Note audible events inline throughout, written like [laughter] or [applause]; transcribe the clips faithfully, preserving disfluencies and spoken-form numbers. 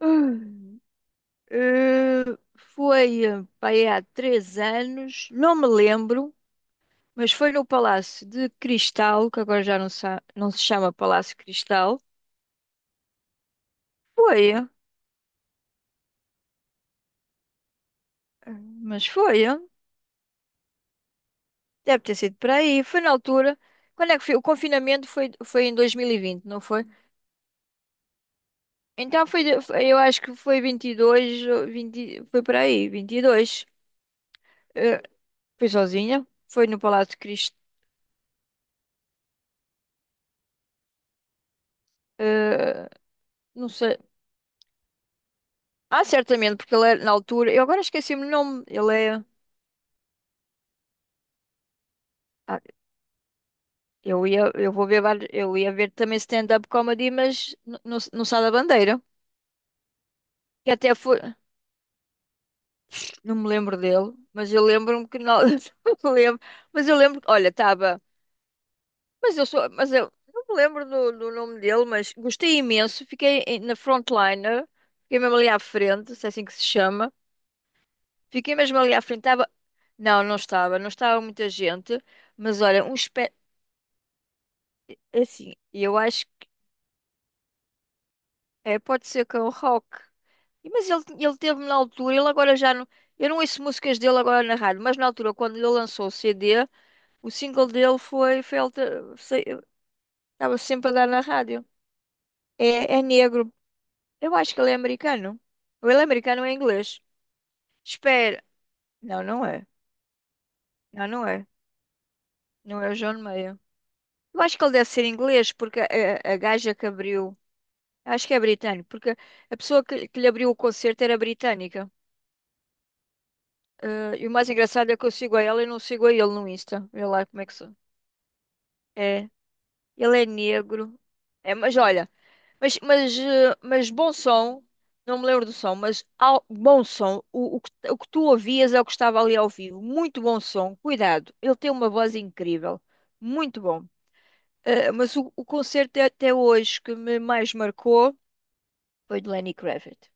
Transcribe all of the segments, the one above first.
Eh, foi eh, pai, há três anos, não me lembro, mas foi no Palácio de Cristal, que agora já não, sa- não se chama Palácio Cristal. Foi, eh, mas foi, eh, deve ter sido por aí. Foi na altura. Quando é que foi? O confinamento foi, foi em dois mil e vinte, não foi? Então foi, de- foi- eu acho que foi vinte e dois, ou vinte, foi por aí, vinte e dois. Eh, foi sozinha, foi no Palácio de Cristal. Não sei. Ah, certamente, porque ele era, na altura, eu agora esqueci-me o nome, ele é, ah, eu ia, eu vou ver, vários- eu ia ver também stand-up comedy, mas no, no, no Sá da Bandeira, que até foi, não me lembro dele, mas eu lembro-me que não, [laughs] não me lembro, mas eu lembro, olha, estava, mas eu sou, mas eu não me lembro do, do nome dele, mas gostei imenso, fiquei em- na frontliner, fiquei mesmo ali à frente, se é assim que se chama, fiquei mesmo ali à frente, estava, não, não estava, não estava muita gente, mas olha, um espé. Assim, eu acho é, pode ser com o rock. E, Mas ele, ele teve na altura, ele agora já não. Eu não ouço músicas dele agora na rádio, mas na altura, quando ele lançou o C D, o single dele foi. Foi alter- se- estava sempre a dar na rádio. É, é negro. Eu acho que ele é americano. Ou ele é americano ou é inglês? Espera. Não, não é. Não, não é. Não é o John Mayer. Eu acho que ele deve ser inglês, porque a, a gaja que abriu. Acho que é britânico, porque a pessoa que, que lhe abriu o concerto era britânica. Ah, e o mais engraçado é que eu sigo a ela e não sigo a ele no Insta. Vê lá como é que sou. É, ele é negro. É, mas olha, mas, mas, eh, mas bom som, não me lembro do som, mas ao, bom som, o, o, que, o que tu ouvias é o que estava ali ao vivo. Muito bom som, cuidado, ele tem uma voz incrível, muito bom. Eh, mas o, o concerto é até hoje que me mais marcou, foi de Lenny Kravitz.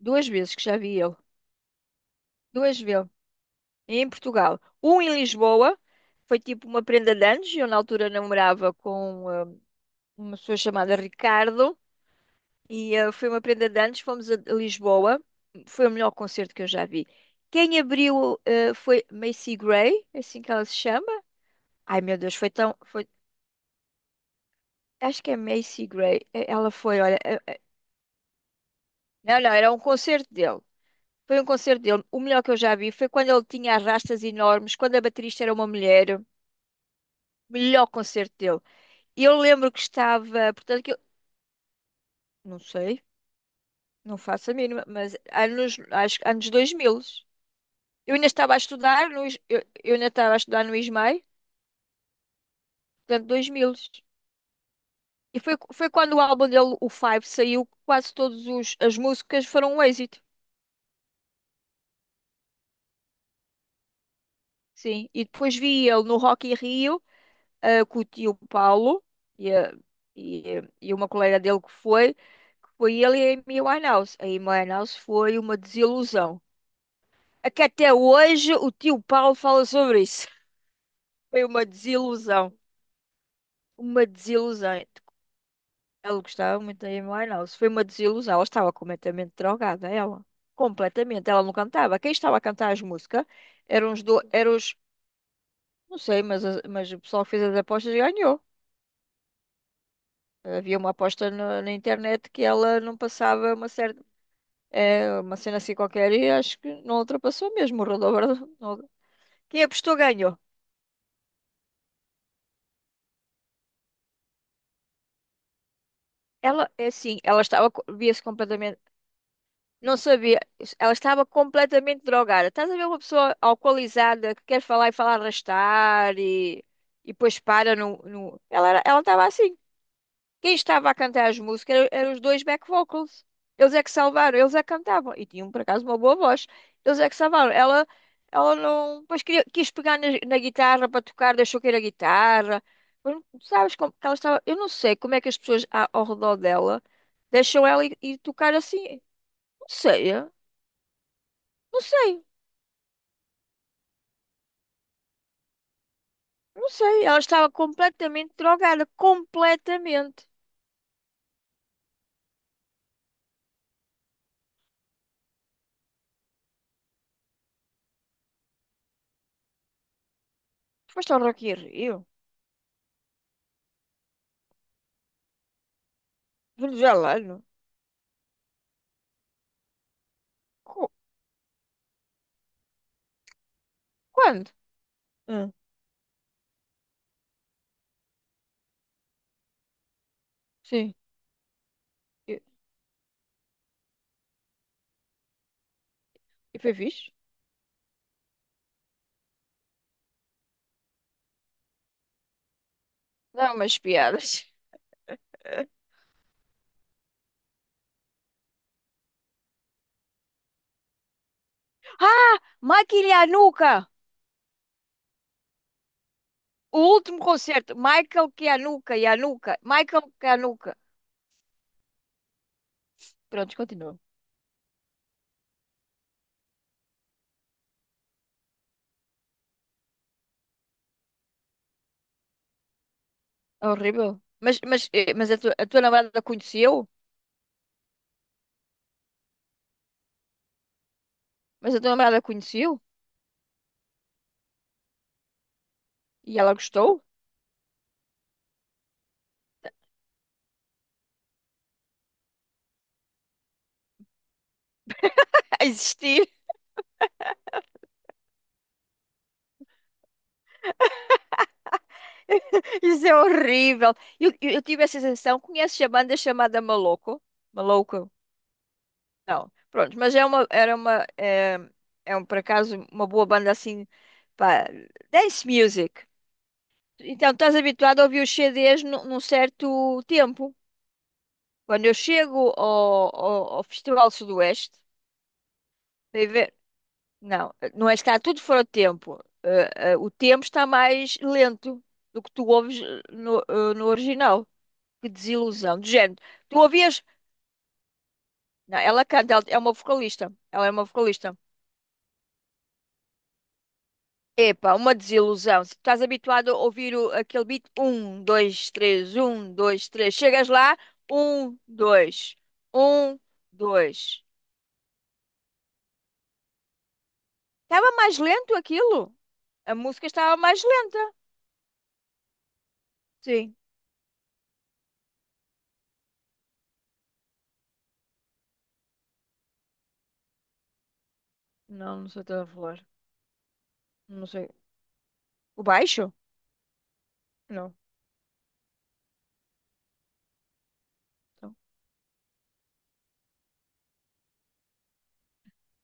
Duas vezes que já vi ele, duas vezes, em Portugal. Um em Lisboa, foi tipo uma prenda de anos. Eu na altura namorava com ah, uma pessoa chamada Ricardo e ah, foi uma prenda de anos. Fomos a a Lisboa, foi o melhor concerto que eu já vi. Quem abriu ah, foi Macy Gray, é assim que ela se chama. Ai meu Deus, foi tão. Foi... Acho que é Macy Gray. Eh, Ela foi, olha. eh, eh, Não, não, era um concerto dele. Foi um concerto dele. O melhor que eu já vi foi quando ele tinha as rastas enormes, quando a baterista era uma mulher. Melhor concerto dele. E eu lembro que estava, portanto, que eu, não sei, não faço a mínima, mas anos, acho, que anos dois mil. Eu ainda estava a estudar no, Is- eu, eu ainda estava a estudar no Ismael, portanto, dois mil. E foi, foi quando o álbum dele, o Five, saiu, que quase todas os- as músicas foram um êxito. Sim, e depois vi ele no Rock in Rio, ah, com o tio Paulo e, a- e, e uma colega dele que foi, que foi ele e a Amy Winehouse. A Amy Winehouse foi uma desilusão. É que até hoje o tio Paulo fala sobre isso. Foi uma desilusão. Uma desilusão. Ela gostava muito da Amy Winehouse. Foi uma desilusão. Ela estava completamente drogada, ela. Completamente. Ela não cantava. Quem estava a cantar as músicas eram os... Do... eram os- não sei, mas, a- mas o pessoal que fez as apostas ganhou. Havia uma aposta na, na internet que ela não passava uma certa... é, uma cena assim qualquer e acho que não ultrapassou mesmo. Rodou, rodou. Quem apostou ganhou. Ela, é assim, ela estava, co- via-se completamente não sabia. Ela estava completamente drogada. Estás a ver uma pessoa alcoolizada que quer falar e fala arrastar e, e depois para no, no... Ela era- ela estava assim. Quem estava a cantar as músicas eram, eram os dois back vocals. Eles é que salvaram, eles é que cantavam. E tinham, por acaso, uma boa voz. Eles é que salvaram. Ela, ela não... Depois queria, quis pegar na, na guitarra para tocar, deixou cair a guitarra. Mas não- Sabes como que ela estava... Eu não sei como é que as pessoas a- ao redor dela deixam ela ir, ir tocar assim. Não sei. É. Não sei, não sei. Ela estava completamente drogada, completamente. Foste ao Rock in Rio? Venezuelano? Co- Quando? Ah, sim. E, e foi fixe? Não, umas piadas. [laughs] Ah! Michael Yanuka! O último concerto. Michael Kianuka, Yanuka. Michael Kianuka. Pronto, continua. É horrível. Mas, mas, eh, mas a tua, a tua namorada conheceu? Mas a tua namorada conheceu? E ela gostou? [laughs] Existiu? [laughs] Isso é horrível. Eu, eu, eu tive essa sensação. Conheces a banda chamada Maluco? Maluco? Não. Pronto, mas é uma, era uma, é, é um, por acaso, uma boa banda assim, pá, dance music. Então, estás habituado a ouvir os C Ds nu- num certo tempo. Quando eu chego ao, ao, ao Festival Sudoeste, vai ver, não, não é que está tudo fora de tempo. Eh, eh, o tempo está mais lento do que tu ouves eh, no, eh, no original. Que desilusão. De género, tu ouvias. Não, ela canta, ela é uma vocalista. Ela é uma vocalista. Epá, uma desilusão. Se tu estás habituado a ouvir o- aquele beat, um, dois, três, um, dois, três. Chegas lá, um, dois, um, dois. Estava mais lento aquilo. A música estava mais lenta. Sim. Não, não sei o que estava a falar. Não sei. O baixo? Não. Então,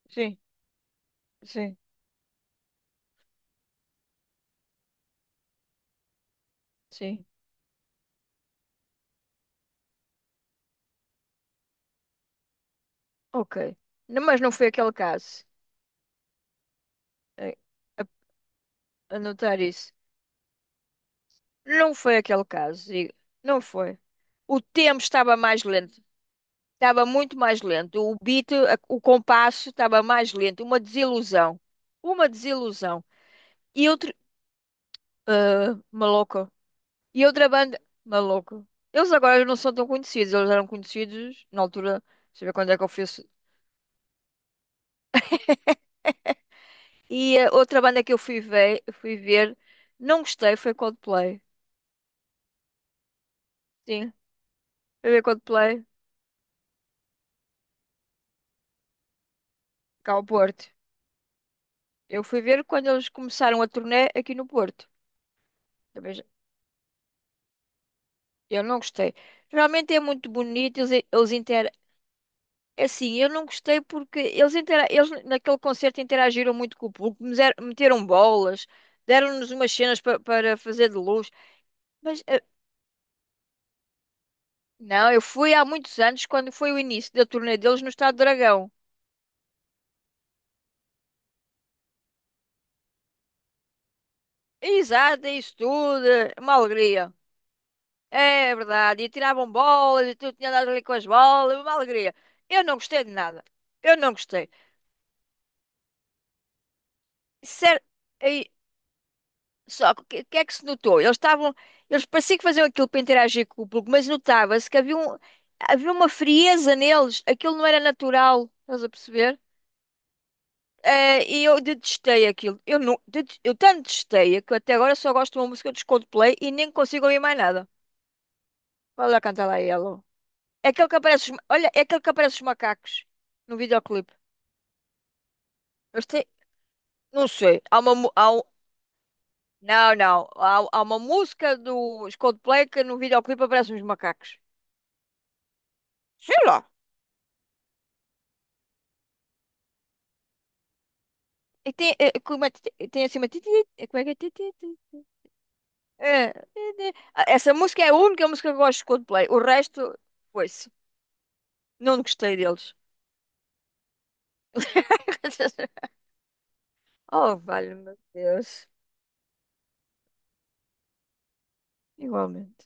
sim, sim, sim. Ok. Não, mas não foi aquele caso. É, a- Anotar isso. Não foi aquele caso, digo. Não foi. O tempo estava mais lento, estava muito mais lento. O beat, a- o compasso estava mais lento. Uma desilusão, uma desilusão. E outro, ah, maluco. E outra banda, maluco. Eles agora não são tão conhecidos, eles eram conhecidos na altura, deixa eu ver quando é que eu fui. Esse- E a outra banda que eu fui ver, fui ver, não gostei, foi Coldplay. Sim, fui ver Coldplay cá ao Porto. Eu fui ver quando eles começaram a turnê aqui no Porto. Também já eu não gostei. Realmente é muito bonito, eles, eles inter... Assim, eu não gostei porque eles, intera... eles naquele concerto interagiram muito com o público, meser- meteram bolas, deram-nos umas cenas pa- para fazer de luz. Mas, eh, não, eu fui há muitos anos, quando foi o início da turnê deles no Estado do Dragão. Exato, é isso tudo, é uma alegria. É verdade, e tiravam bolas, e tu tinha andado ali com as bolas, é uma alegria. Eu não gostei de nada. Eu não gostei. Sério. Só que o que, que é que se notou? Eles estavam, eles pareciam que faziam aquilo para interagir com o público, mas notava-se que havia, um- havia uma frieza neles, aquilo não era natural, estás a perceber? Eh, e eu detestei aquilo. Eu, não, det- Eu tanto detestei que eu até agora só gosto de uma música dos Coldplay e nem consigo ouvir mais nada. Olha lá, canta lá Yellow. É aquele que aparece, os ma- olha, é aquele que aparece os macacos no videoclipe. Eu têm- não sei, há uma, mu- há um- não, não, há, há uma música dos Coldplay que no videoclipe aparecem os macacos. Sei lá. E tem, eh, como é, que- tem assim uma. ti- ti- ti- eh, Como é que é? Ti- ti- ti- É, ti- ti. Ah, essa música é a única música que eu gosto de Coldplay. O resto, foi-se. Não gostei deles. [laughs] Oh, valha-me Deus. Igualmente.